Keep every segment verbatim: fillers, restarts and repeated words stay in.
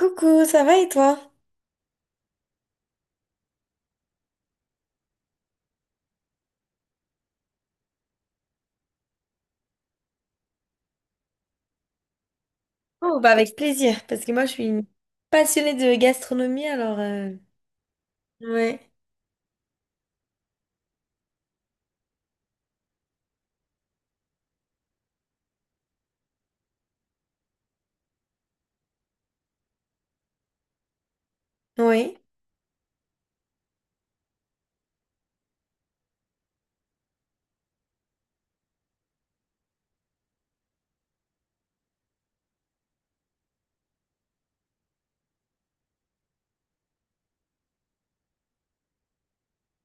Coucou, ça va et toi? Oh, bah avec plaisir, parce que moi je suis une passionnée de gastronomie, alors... euh, Ouais, oui,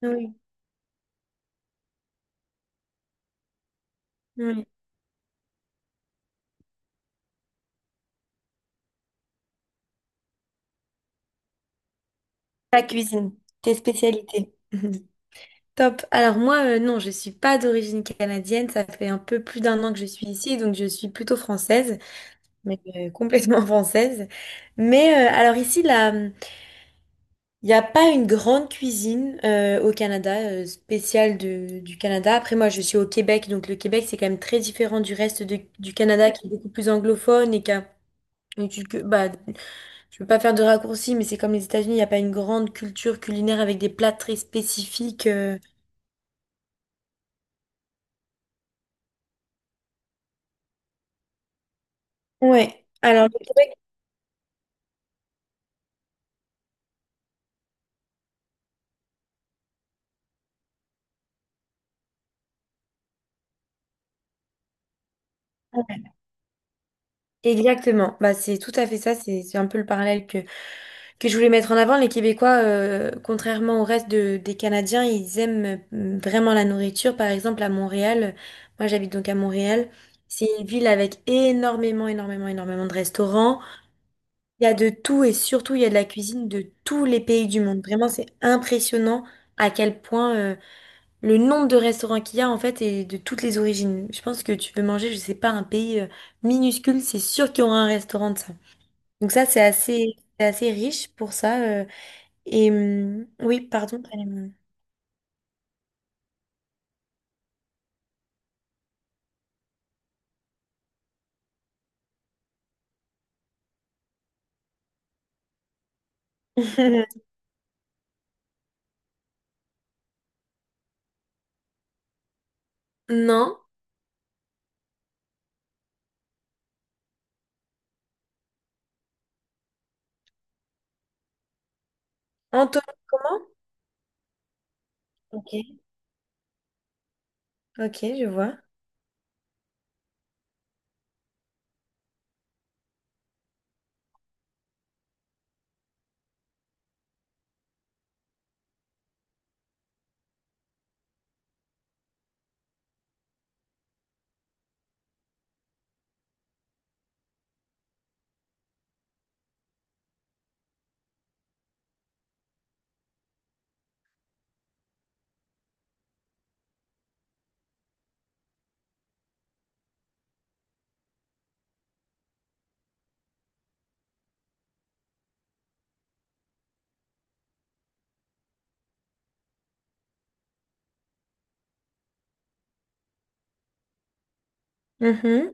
oui, oui. La cuisine, tes spécialités. Top. Alors moi, euh, non, je suis pas d'origine canadienne, ça fait un peu plus d'un an que je suis ici, donc je suis plutôt française, mais euh, complètement française. Mais euh, alors ici, là. Il n'y a pas une grande cuisine euh, au Canada, euh, spéciale de- du Canada. Après, moi, je suis au Québec, donc le Québec, c'est quand même très différent du reste de- du Canada, qui est beaucoup plus anglophone et qui a une culture... Bah, je veux pas faire de raccourci, mais c'est comme les États-Unis, il n'y a pas une grande culture culinaire avec des plats très spécifiques. euh. Ouais. Alors, le Québec, ouais. Exactement. Bah, c'est tout à fait ça. C'est c'est un peu le parallèle que que je voulais mettre en avant, les Québécois, euh, contrairement au reste de- des Canadiens, ils aiment euh, vraiment la nourriture. Par exemple, à Montréal, euh, moi j'habite donc à Montréal, c'est une ville avec énormément, énormément, énormément de restaurants. Il y a de tout et surtout il y a de la cuisine de tous les pays du monde. Vraiment, c'est impressionnant à quel point euh, le nombre de restaurants qu'il y a en fait est de toutes les origines. Je pense que tu veux manger, je sais pas, un pays euh, minuscule, c'est sûr qu'il y aura un restaurant de ça. Donc ça, c'est assez, c'est assez riche pour ça. Euh, et hum, oui, pardon. Allez, Non. Anthony, comment? Ok. Ok, je vois. Mhm.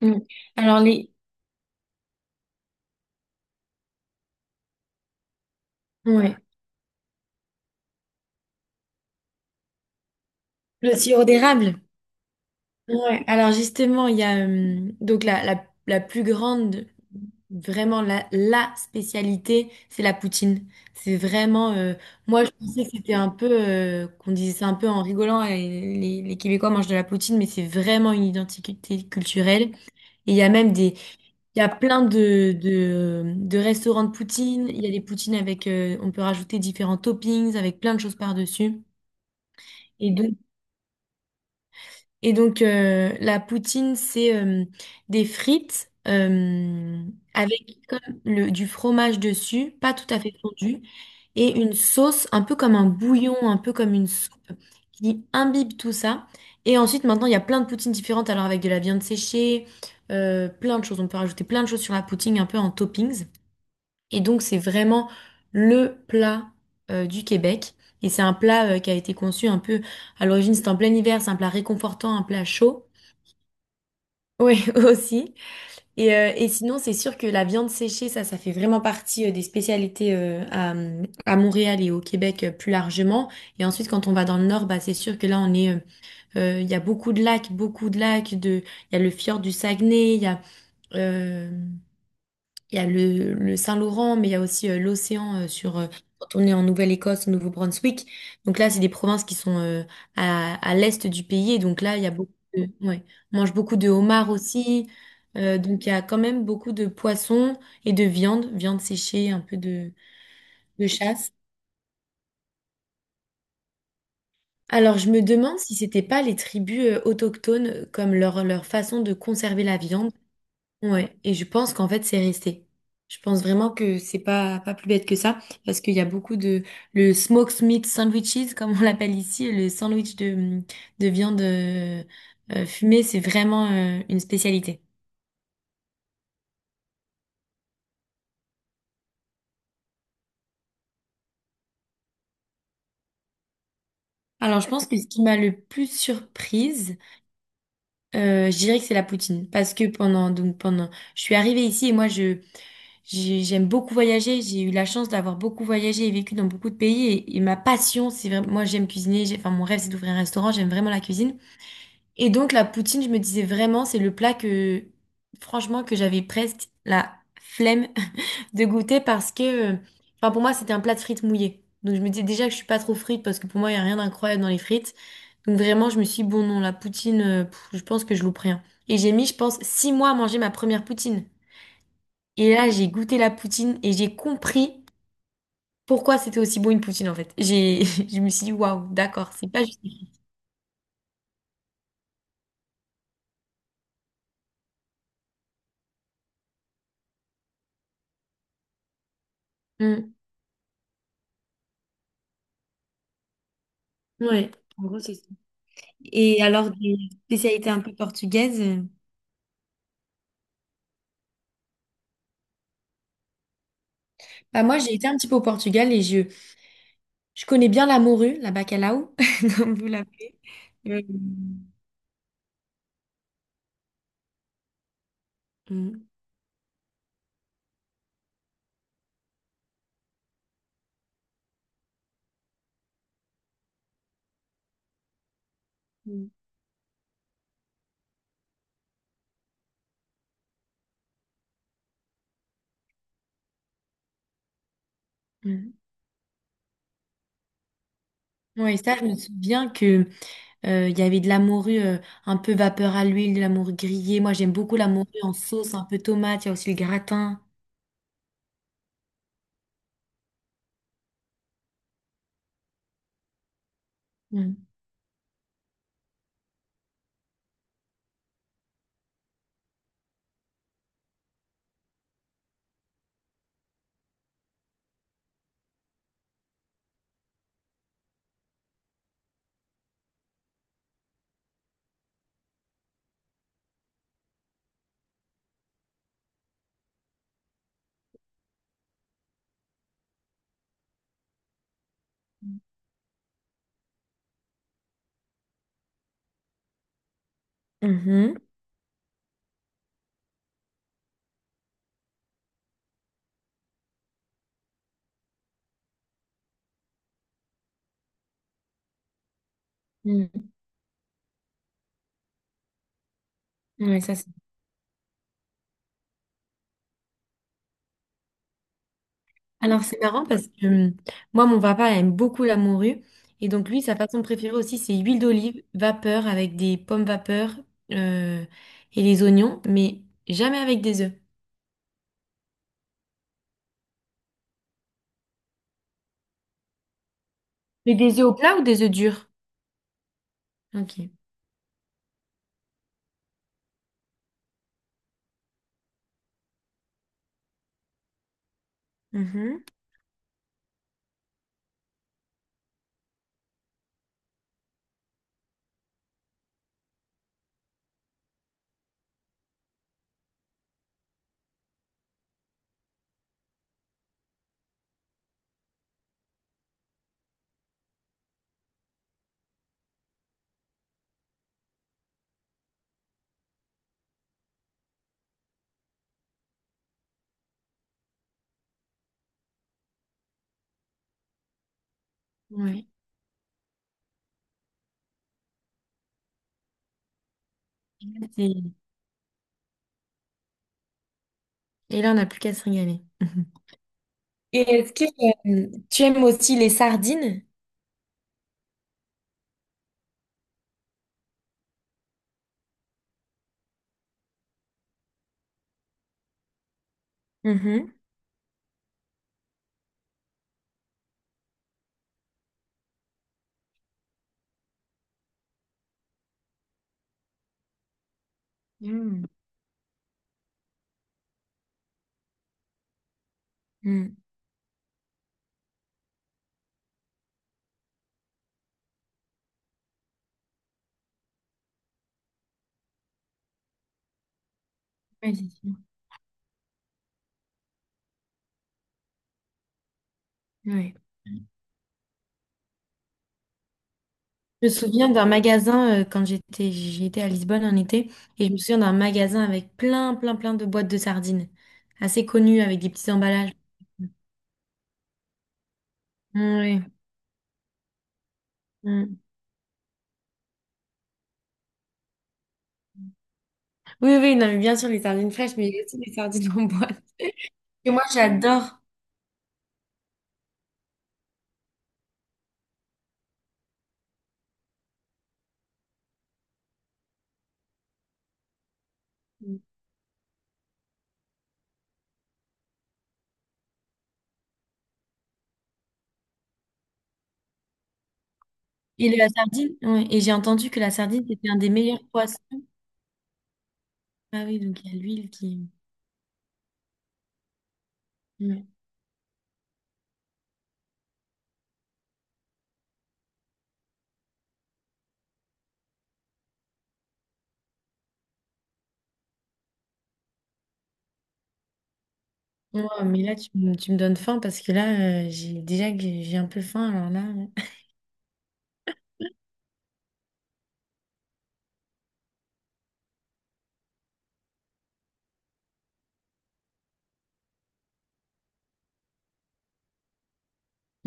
Mm. Alors, les... Ouais. Le sirop d'érable. Ouais, alors justement, il y a euh, donc la, la, la plus grande, vraiment la, la spécialité, c'est la poutine. C'est vraiment, euh, moi je pensais que c'était un peu, euh, qu'on disait ça un peu en rigolant, et les, les Québécois mangent de la poutine, mais c'est vraiment une identité culturelle. Et il y a même des, il y a plein de, de, de restaurants de poutine, il y a des poutines avec, euh, on peut rajouter différents toppings, avec plein de choses par-dessus. Et donc, et donc, euh, la poutine, c'est euh, des frites euh, avec comme le, du fromage dessus, pas tout à fait fondu, et une sauce un peu comme un bouillon, un peu comme une soupe qui imbibe tout ça. Et ensuite, maintenant, il y a plein de poutines différentes, alors avec de la viande séchée, euh, plein de choses. On peut rajouter plein de choses sur la poutine, un peu en toppings. Et donc, c'est vraiment le plat euh, du Québec. Et c'est un plat euh, qui a été conçu un peu... À l'origine, c'était en plein hiver, c'est un plat réconfortant, un plat chaud. Oui, aussi. Et, euh, et sinon, c'est sûr que la viande séchée, ça, ça fait vraiment partie euh, des spécialités euh, à, à Montréal et au Québec euh, plus largement. Et ensuite, quand on va dans le nord, bah, c'est sûr que là, on est, euh, euh, il y a beaucoup de lacs, beaucoup de lacs. De, il y a le fjord du Saguenay, il y a, euh, il y a le, le Saint-Laurent, mais il y a aussi euh, l'océan euh, sur euh, quand on est en Nouvelle-Écosse, au Nouveau-Brunswick. Donc là, c'est des provinces qui sont euh, à, à l'est du pays. Et donc là, il y a beaucoup de, ouais, on mange beaucoup de homards aussi. Euh, donc il y a quand même beaucoup de poissons et de viande, viande séchée, un peu de, de chasse. Alors je me demande si c'était pas les tribus euh, autochtones, comme leur, leur façon de conserver la viande. Ouais, et je pense qu'en fait, c'est resté. Je pense vraiment que c'est pas, pas plus bête que ça, parce qu'il y a beaucoup de... Le smoked meat sandwiches, comme on l'appelle ici, le sandwich de, hum, de viande euh, euh, fumée, c'est vraiment euh, une spécialité. Alors, je pense que ce qui m'a le plus surprise, euh, je dirais que c'est la poutine, parce que pendant... Donc, pendant... Je suis arrivée ici et moi, je... j'ai- J'aime beaucoup voyager, j'ai eu la chance d'avoir beaucoup voyagé et vécu dans beaucoup de pays et, et ma passion, c'est vraiment, moi j'aime cuisiner, j'ai, enfin mon rêve c'est d'ouvrir un restaurant, j'aime vraiment la cuisine. Et donc la poutine, je me disais vraiment, c'est le plat que, franchement, que j'avais presque la flemme de goûter parce que, euh, enfin pour moi, c'était un plat de frites mouillées. Donc je me disais déjà que je suis pas trop frite parce que pour moi, il y a rien d'incroyable dans les frites. Donc vraiment, je me suis dit, bon non, la poutine, euh, pff, je pense que je loupe rien. Et j'ai mis, je pense, six mois à manger ma première poutine. Et là, j'ai goûté la poutine et j'ai compris pourquoi c'était aussi bon une poutine en fait. J'ai, je me suis dit, waouh, d'accord, c'est pas juste. Mm. Ouais. En gros, c'est Et alors, des spécialités un peu portugaises? Bah, moi, j'ai été un petit peu au Portugal et je, je connais bien la morue, la bacalao, comme vous l'appelez. Euh, Mhm. Mhm. Mhm. Ouais, ça, je me souviens que euh, il y avait de la morue euh, un peu vapeur à l'huile, de la morue grillée. Moi, j'aime beaucoup la morue en sauce, un peu tomate. Il y a aussi le gratin. Mhm. Mhm. Mhm. Ouais, ça, Alors, c'est marrant parce que hum, moi, mon papa aime beaucoup la morue. Et donc, lui, sa façon préférée aussi, c'est huile d'olive, vapeur avec des pommes vapeur euh, et les oignons, mais jamais avec des œufs. Mais des œufs au plat ou des œufs durs? Ok. Mhm. Ouais. Et et là, on n'a plus qu'à se régaler. Et est-ce que euh, tu aimes aussi les sardines? Mhm. Mm. Mm. Ouais, c'est sûr. Ouais. Je me souviens d'un magasin euh, quand j'étais j'étais à Lisbonne en été et je me souviens d'un magasin avec plein plein plein de boîtes de sardines assez connues avec des petits emballages. Mm, oui. Mm. Oui, oui, non, mais bien sûr les sardines fraîches, mais il y a aussi les sardines en boîte. Et moi j'adore. Mm. Et la sardine, ouais. Et j'ai entendu que la sardine c'était un des meilleurs poissons. Ah oui, donc il y a l'huile qui. Mm. Ouais, mais là tu, me tu me donnes faim parce que là euh, j'ai déjà que j'ai un peu faim alors là.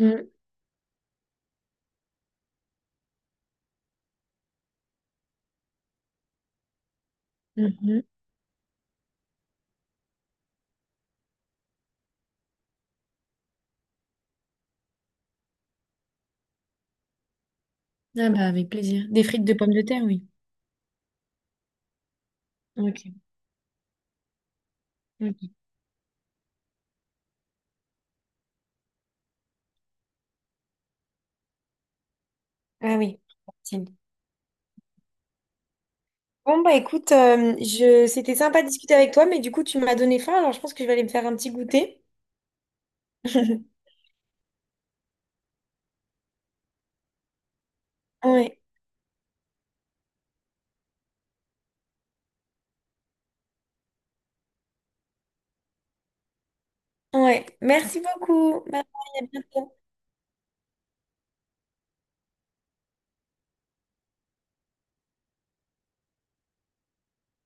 euh. Mm. Mm. Ah bah, avec plaisir. Des frites de pommes de terre, oui. Ok. Ok. Ah oui. Facile. Bon, bah écoute, euh, je... c'était sympa de discuter avec toi, mais du coup, tu m'as donné faim, alors je pense que je vais aller me faire un petit goûter. Ouais, ouais. Merci beaucoup. Bye bye, à bientôt.